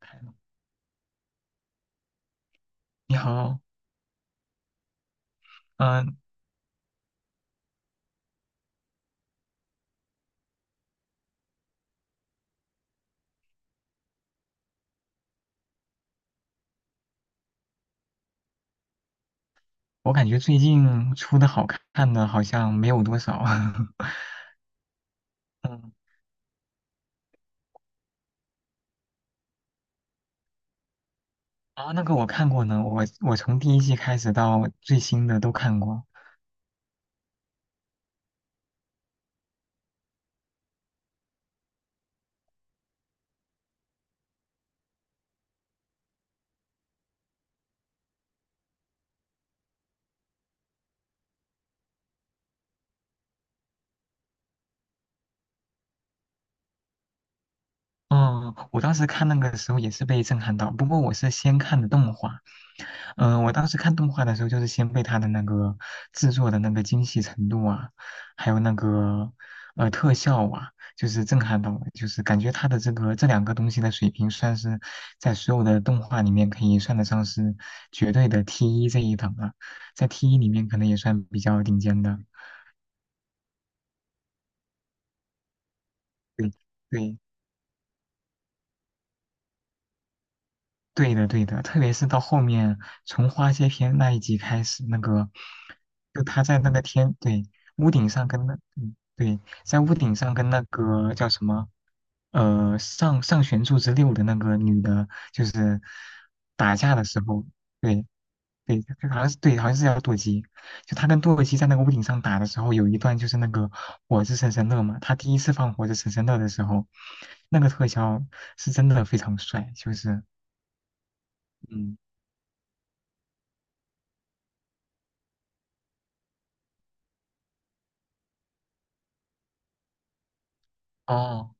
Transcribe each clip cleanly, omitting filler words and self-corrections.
看了你好。嗯、我感觉最近出的好看的好像没有多少，嗯。啊，那个我看过呢，我从第一季开始到最新的都看过。嗯，我当时看那个时候也是被震撼到，不过我是先看的动画。我当时看动画的时候，就是先被它的那个制作的那个精细程度啊，还有那个特效啊，就是震撼到我，就是感觉它的这个这两个东西的水平，算是在所有的动画里面可以算得上是绝对的 T 一这一档了，在 T 一里面可能也算比较顶尖的。对，对对的，对的，特别是到后面从花谢篇那一集开始，那个就他在那个天，对，屋顶上跟那，嗯，对，在屋顶上跟那个叫什么，上上弦柱之六的那个女的，就是打架的时候，对对，就好像是对，好像是叫舵机，就他跟舵机在那个屋顶上打的时候，有一段就是那个火之神神乐嘛，他第一次放火之神神乐的时候，那个特效是真的非常帅，就是嗯。哦。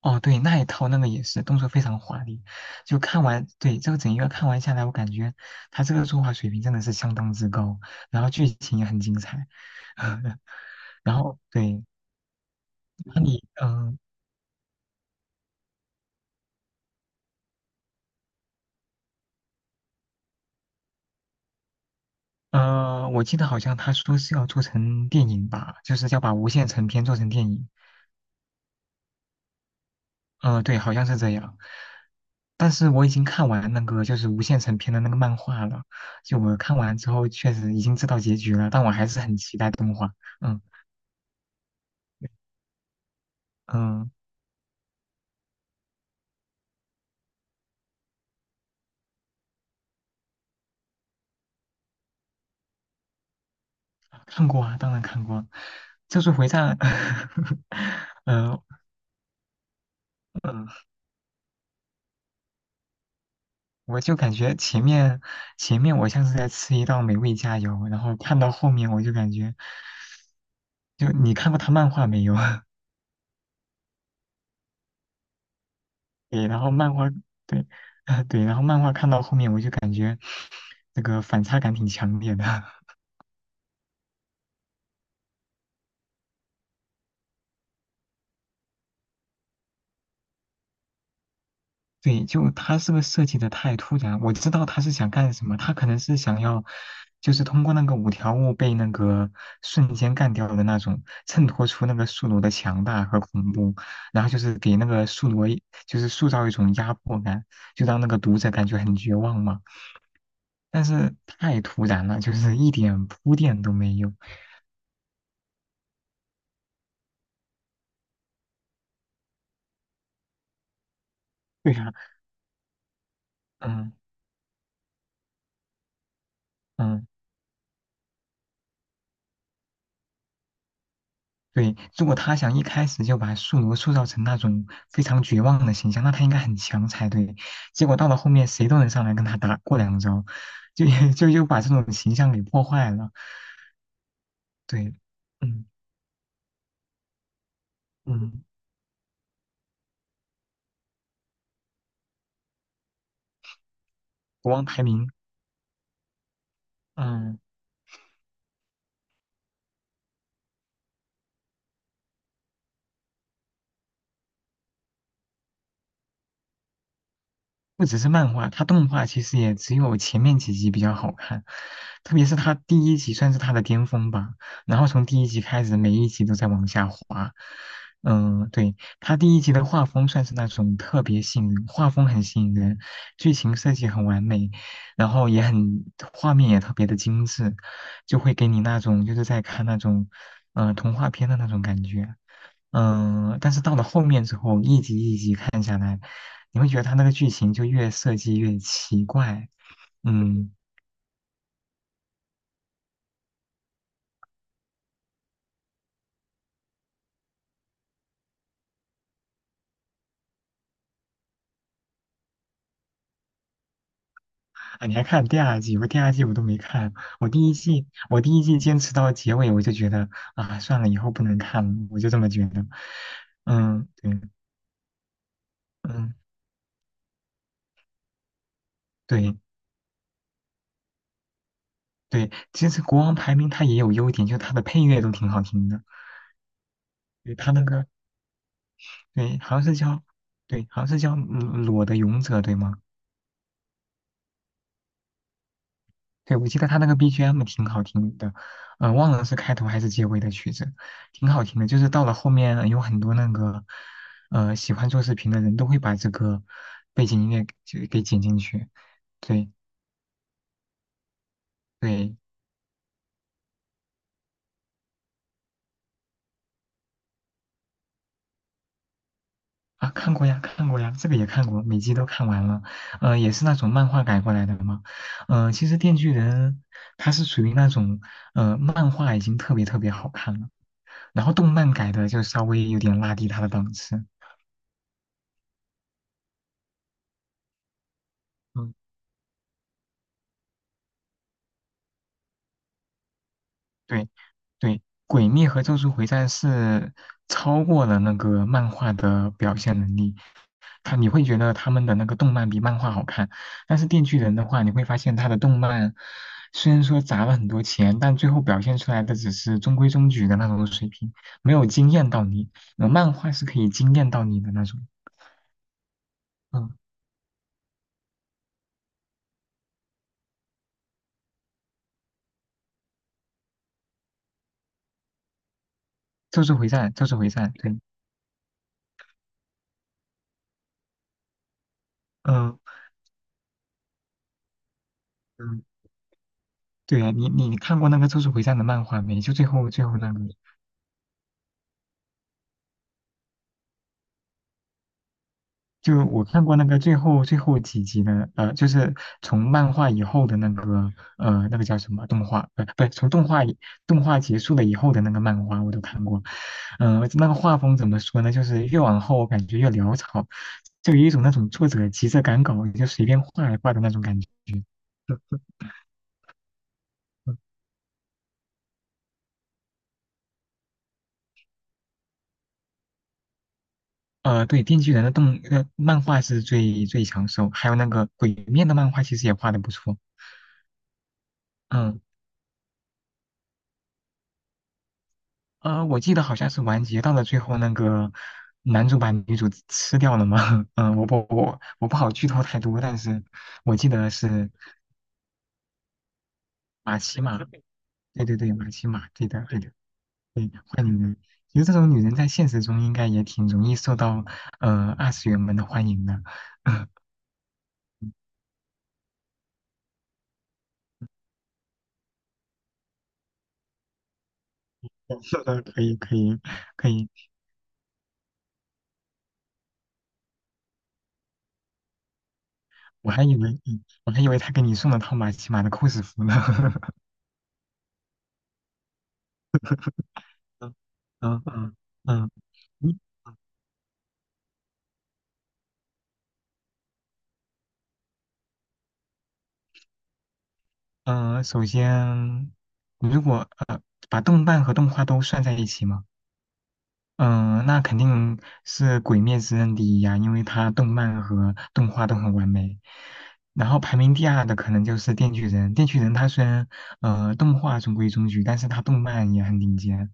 哦，对，那一套那个也是动作非常华丽，就看完，对，这个整一个看完下来，我感觉他这个作画水平真的是相当之高，然后剧情也很精彩。然后对，那你嗯。呃，我记得好像他说是要做成电影吧，就是要把无限城篇做成电影。呃，对，好像是这样，但是我已经看完那个就是无限城篇的那个漫画了，就我看完之后确实已经知道结局了，但我还是很期待动画。嗯。嗯。看过啊，当然看过。《咒术回战》呃，嗯，我就感觉前面我像是在吃一道美味佳肴，然后看到后面我就感觉，就你看过他漫画没有？对，然后漫画对，对，然后漫画看到后面我就感觉那个反差感挺强烈的。对，就他这个设计的太突然，我知道他是想干什么，他可能是想要，就是通过那个五条悟被那个瞬间干掉的那种，衬托出那个宿傩的强大和恐怖，然后就是给那个宿傩一就是塑造一种压迫感，就让那个读者感觉很绝望嘛。但是太突然了，就是一点铺垫都没有。为啥？嗯。嗯。对，如果他想一开始就把宿傩塑造成那种非常绝望的形象，那他应该很强才对。结果到了后面，谁都能上来跟他打过两招，就 就又把这种形象给破坏了。对，嗯嗯，国王排名。嗯。不只是漫画，它动画其实也只有前面几集比较好看，特别是它第一集算是它的巅峰吧。然后从第一集开始，每一集都在往下滑。嗯，对，它第一集的画风算是那种特别吸引人，画风很吸引人，剧情设计很完美，然后也很，画面也特别的精致，就会给你那种就是在看那种，童话片的那种感觉。但是到了后面之后，一集一集看下来。你会觉得他那个剧情就越设计越奇怪。嗯。啊，你还看第二季？我第二季我都没看，我第一季坚持到结尾，我就觉得啊，算了，以后不能看了，我就这么觉得。嗯，对，嗯，对。对，其实国王排名它也有优点，就它的配乐都挺好听的。对，它那个对，好像是叫对，好像是叫嗯裸的勇者，对吗？对，我记得他那个 BGM 挺好听的，忘了是开头还是结尾的曲子，挺好听的。就是到了后面，有很多那个，喜欢做视频的人都会把这个背景音乐给剪进去。对。对啊，看过呀，看过呀，这个也看过，每集都看完了。也是那种漫画改过来的嘛。其实《电锯人》它是属于那种，漫画已经特别好看了，然后动漫改的就稍微有点拉低它的档次。嗯。对，对，《鬼灭》和《咒术回战》是超过了那个漫画的表现能力，他你会觉得他们的那个动漫比漫画好看，但是《电锯人》的话，你会发现他的动漫虽然说砸了很多钱，但最后表现出来的只是中规中矩的那种水平，没有惊艳到你。漫画是可以惊艳到你的那种。嗯，《咒术回战》，《咒术回战》对。嗯嗯。对啊，你看过那个《咒术回战》的漫画没？就最后那个。就我看过那个最后几集的，就是从漫画以后的那个，呃，那个叫什么动画，不，不，从动画结束了以后的那个漫画我都看过。那个画风怎么说呢？就是越往后我感觉越潦草，就有一种那种作者急着赶稿就随便画一画的那种感觉。对，《电锯人》的漫画是最最抢手，还有那个《鬼面》的漫画其实也画的不错。嗯。我记得好像是完结到了最后，那个男主把女主吃掉了嘛。我不好剧透太多，但是我记得是马奇马，对对对，马奇马，对的对的，对，坏女人。其实这种女人在现实中应该也挺容易受到二次元们的欢迎的。是的，可以可以可以。我还以为我还以为他给你送了套马奇马的 cos 服呢。嗯。嗯、嗯嗯，首先，如果把动漫和动画都算在一起吗？嗯，那肯定是《鬼灭之刃》第一呀，因为它动漫和动画都很完美。然后排名第二的可能就是《电锯人》，《电锯人》它虽然动画中规中矩，但是它动漫也很顶尖。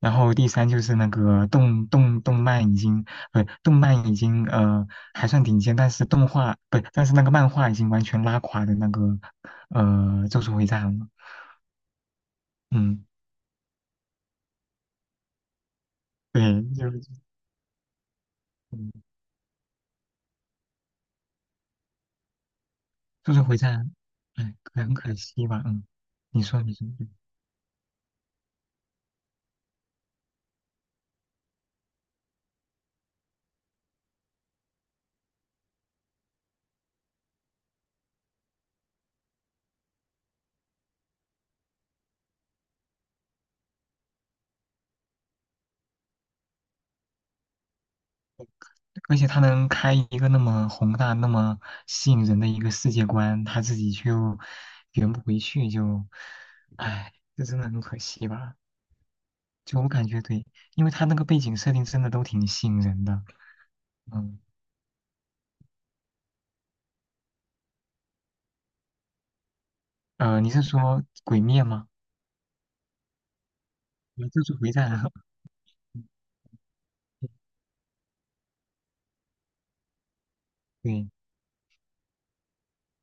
然后第三就是那个动漫已经不、动漫已经还算顶尖，但是动画不但是那个漫画已经完全拉垮的那个呃《咒术回战》了。嗯，对，就嗯速速回战。哎，很可惜吧。嗯，你说你说，嗯而且他能开一个那么宏大、那么吸引人的一个世界观，他自己就圆不回去，就，哎，这真的很可惜吧？就我感觉对，因为他那个背景设定真的都挺吸引人的。嗯。你是说《鬼灭》吗？啊，就是回战啊。对，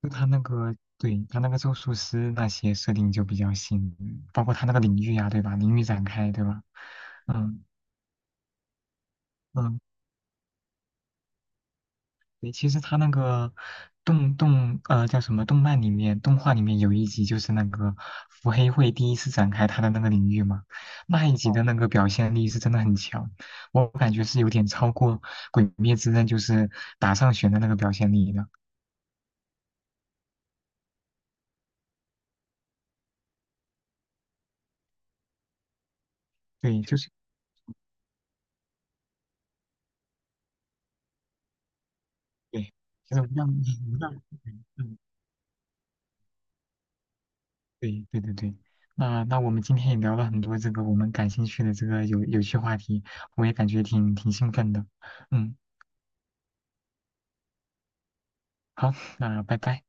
就他那个，对，他那个咒术师那些设定就比较新，包括他那个领域呀、对吧？领域展开，对吧？嗯。嗯，对，其实他那个动动呃叫什么动漫里面动画里面有一集就是那个伏黑会第一次展开他的那个领域嘛，那一集哦的那个表现力是真的很强，我感觉是有点超过《鬼灭之刃》就是打上弦的那个表现力的。对，就是对，就是无量 无量。嗯，对对对对，那那我们今天也聊了很多这个我们感兴趣的这个有有趣话题，我也感觉挺兴奋的。嗯，好，那拜拜。